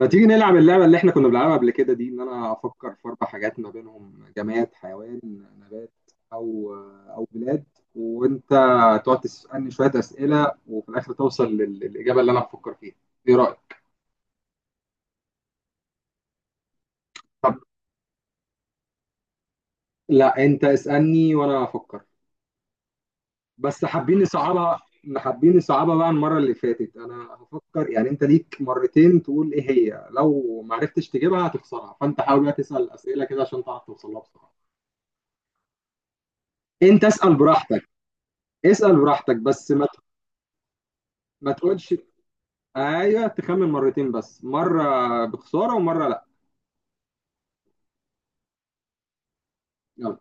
ما تيجي نلعب اللعبة اللي احنا كنا بنلعبها قبل كده دي، انا افكر في اربع حاجات ما بينهم جماد، حيوان، نبات، او او بلاد، وانت تقعد تسألني شوية اسئلة وفي الاخر توصل للاجابة اللي انا بفكر فيها. ايه رأيك؟ طب لا، انت اسألني وانا افكر، بس حابين نصعبها. حابين نصعبها بقى عن المرة اللي فاتت. انا هفكر، يعني انت ليك مرتين تقول ايه هي، لو ما عرفتش تجيبها هتخسرها، فانت حاول بقى تسأل اسئلة كده عشان تعرف توصل لها بسرعة. انت اسأل براحتك. اسأل براحتك بس ما تقولش. ايوه تخمن مرتين، بس مرة بخسارة ومرة لا. يلا.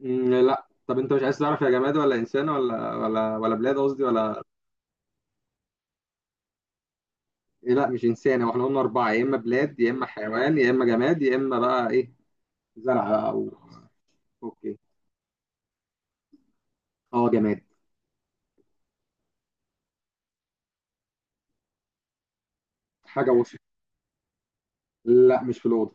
لا، طب انت مش عايز تعرف يا جماد ولا انسان ولا بلاد؟ قصدي ولا. إيه، لا مش انسان، هو احنا قلنا اربعة، يا اما بلاد يا اما حيوان يا اما جماد يا اما بقى ايه، زرعة، او. اوكي. اه، جماد. حاجة وسط. لا، مش في الأوضة.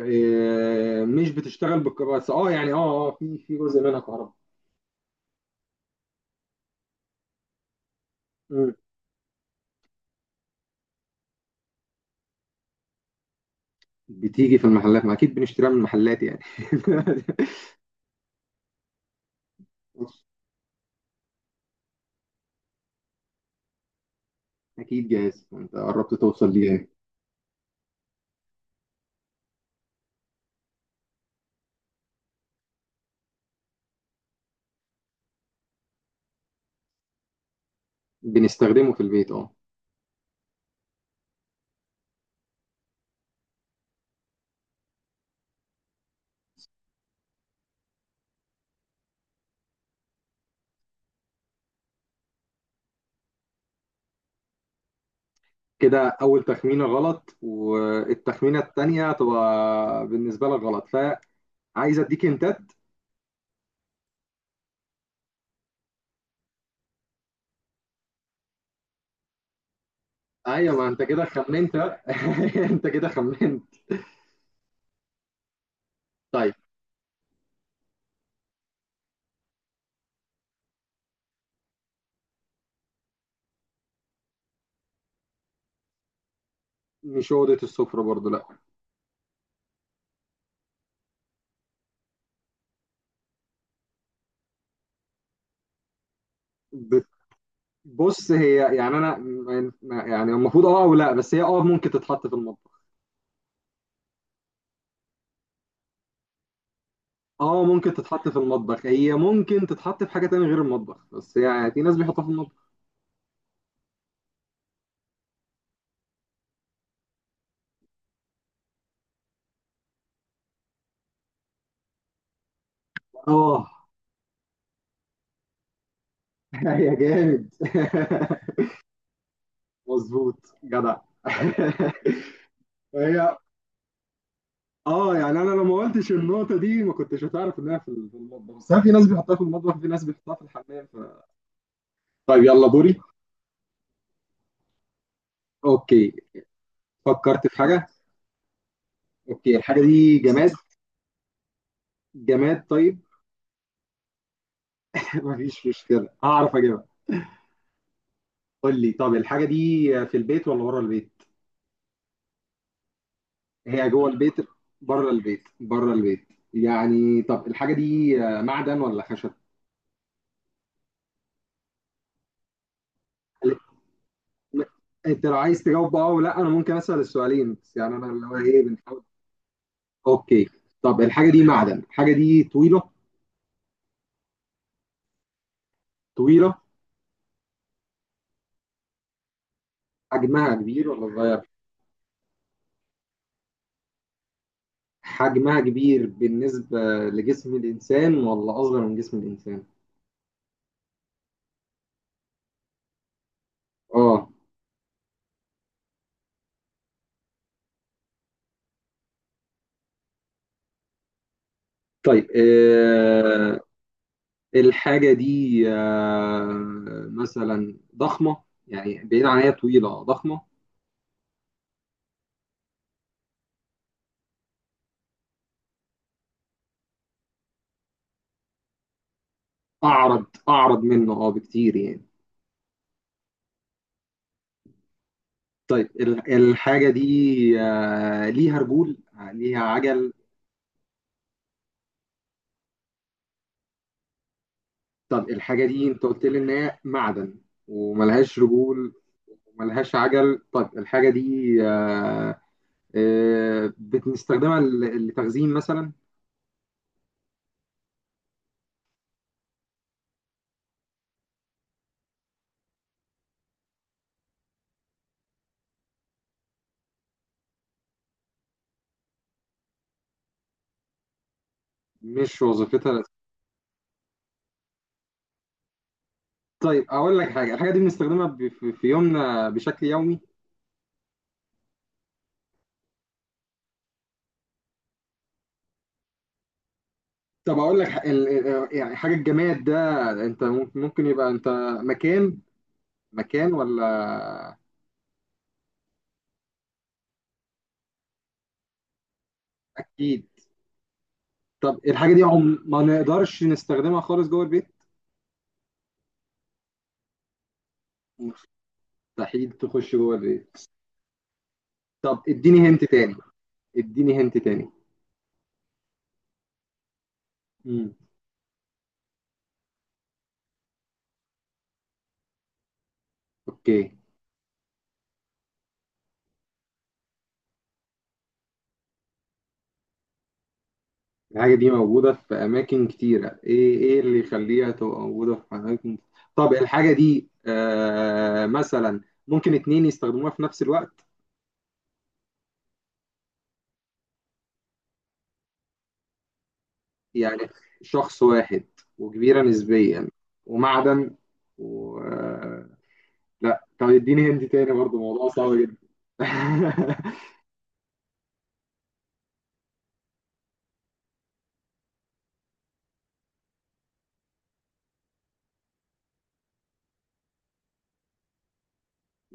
إيه؟ مش بتشتغل بالكهرباء، بس اه يعني في جزء منها كهرباء. مم. بتيجي في المحلات؟ ما اكيد بنشتريها من المحلات يعني. اكيد جاهز، انت قربت توصل ليه يعني. بنستخدمه في البيت، اه. كده اول تخمينه غلط، والتخمينه التانيه هتبقى بالنسبه لك غلط، فعايز اديك انت. ايوه، ما انت كده خمنت. انت كده خمنت. طيب. مش اوضه السفره برضو، لا. بت- بص، هي يعني انا يعني المفروض اه او لا، بس هي ممكن تتحط في المطبخ. اه ممكن تتحط في المطبخ، هي ممكن تتحط في حاجه تانية غير المطبخ، بس يعني في ناس بيحطها في المطبخ. اه. يا جامد. مظبوط جدع. هي، اه يعني انا لو ما قلتش النقطه دي ما كنتش هتعرف انها في في المطبخ، بس أنا في ناس بيحطها في المطبخ وفي ناس بيحطها في الحمام. طيب يلا دوري. اوكي، فكرت في حاجه. اوكي الحاجه دي جماد. جماد، طيب. مفيش مشكله، هعرف اجيبها. قول لي، طب الحاجه دي في البيت ولا بره البيت؟ هي جوه البيت؟ بره البيت، بره البيت. يعني طب الحاجه دي معدن ولا خشب؟ لا، انت لو عايز تجاوب ولا انا ممكن اسال السؤالين؟ بس يعني انا اللي هو ايه، بنحاول. اوكي. طب الحاجه دي معدن، الحاجه دي طويله. طويله. حجمها كبير ولا صغير؟ حجمها كبير بالنسبه لجسم الانسان ولا اصغر من جسم الانسان؟ اه. طيب. الحاجه دي مثلا ضخمه؟ يعني بعيد عن، هي طويله، ضخمه؟ اعرض منه بكتير يعني. طيب، الحاجة دي ليها رجول، ليها عجل؟ طب الحاجة دي انت قلت لي ان هي معدن، وملهاش رجول، وملهاش عجل. طب الحاجة دي بنستخدمها لتخزين مثلا؟ مش وظيفتها. طيب اقول لك حاجة، الحاجة دي بنستخدمها في يومنا بشكل يومي؟ طب اقول لك يعني حاجة الجماد ده، انت ممكن يبقى انت مكان، مكان ولا؟ اكيد. طب الحاجة دي ما نقدرش نستخدمها خالص جوه البيت؟ مستحيل تخش جوه البيت. طب اديني هنت تاني. اديني هنت تاني. امم اوكي. الحاجة دي موجودة في أماكن كتيرة. ايه اللي يخليها تبقى موجودة في أماكن؟ طب الحاجة دي مثلا ممكن اتنين يستخدموها في نفس الوقت؟ يعني شخص واحد، وكبيرة نسبيا، ومعدن، و لا. طب اديني هنت تاني برضه، موضوع صعب جدا.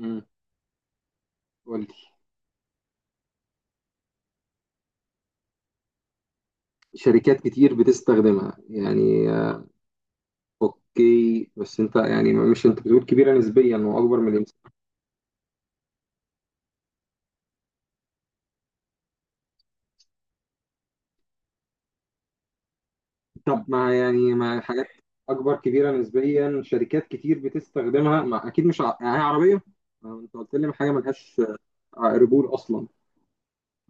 امم قول لي. شركات كتير بتستخدمها يعني كي، بس انت يعني، مش انت بتقول كبيره نسبيا واكبر من الامكان؟ طب مع يعني مع حاجات اكبر؟ كبيره نسبيا، شركات كتير بتستخدمها، مع اكيد مش ع... يعني هي عربيه؟ ما انت قلت لي حاجه ملهاش رجول اصلا،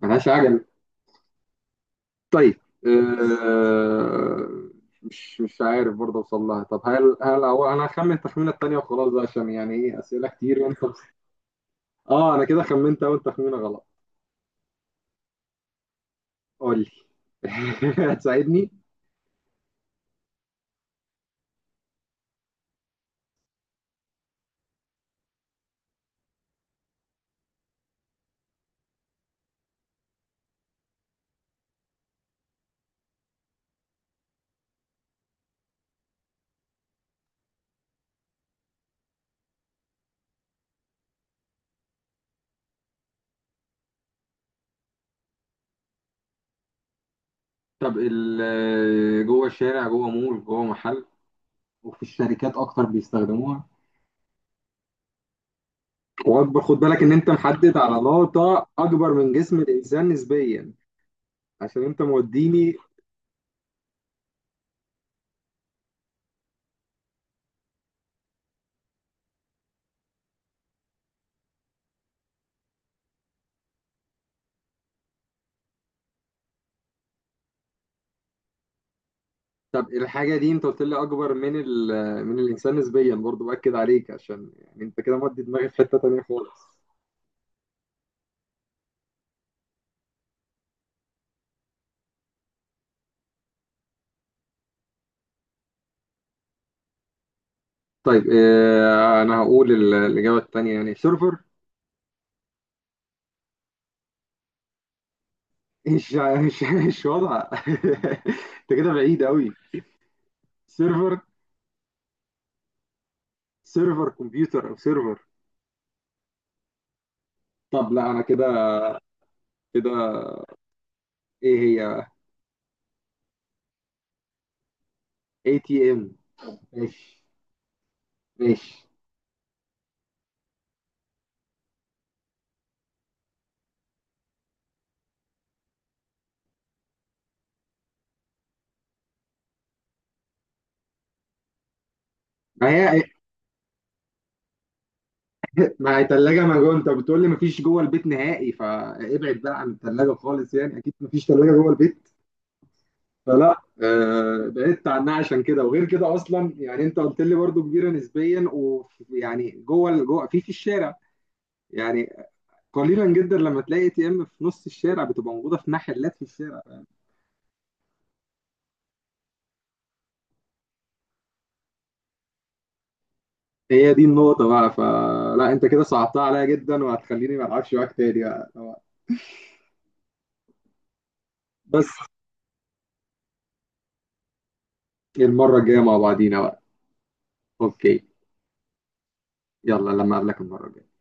ملهاش عجل. طيب آه... مش عارف برضه اوصل لها. طب هل هو انا هخمن التخمينه التانيه وخلاص بقى، عشان يعني ايه، اسئله كتير وانت . اه انا كده خمنت اول تخمينه غلط. قول لي، هتساعدني. طب جوه الشارع، جوه مول، جوه محل، وفي الشركات اكتر بيستخدموها، واكبر. خد بالك ان انت محدد عضلاته اكبر من جسم الانسان نسبيا، عشان انت موديني. طب الحاجه دي انت قلت لي اكبر. من الانسان نسبيا، برضو باكد عليك، عشان يعني انت كده مودي دماغي في حته تانيه خالص. طيب انا هقول الاجابه التانيه، يعني سيرفر. مش واضحه. انت كده بعيد قوي. سيرفر. سيرفر كمبيوتر او سيرفر؟ طب لا انا كده. ايه هي؟ ATM. ماشي. ماشي. ما هي. تلاجة مجهولة، انت بتقول لي مفيش جوه البيت نهائي، فابعد بقى عن التلاجة خالص يعني، اكيد مفيش تلاجة جوه البيت. فلا، بعدت عنها عشان كده، وغير كده اصلا يعني انت قلت لي برضو كبيرة نسبيا، ويعني جوه جوه في الشارع. يعني قليلا جدا لما تلاقي ATM في نص الشارع، بتبقى موجودة في محلات في الشارع. هي دي النقطة بقى، فلا انت كده صعبتها عليا جدا، وهتخليني ما العبش معاك تاني بقى. بس المرة الجاية مع بعضينا بقى. اوكي. يلا لما اقابلك المرة الجاية.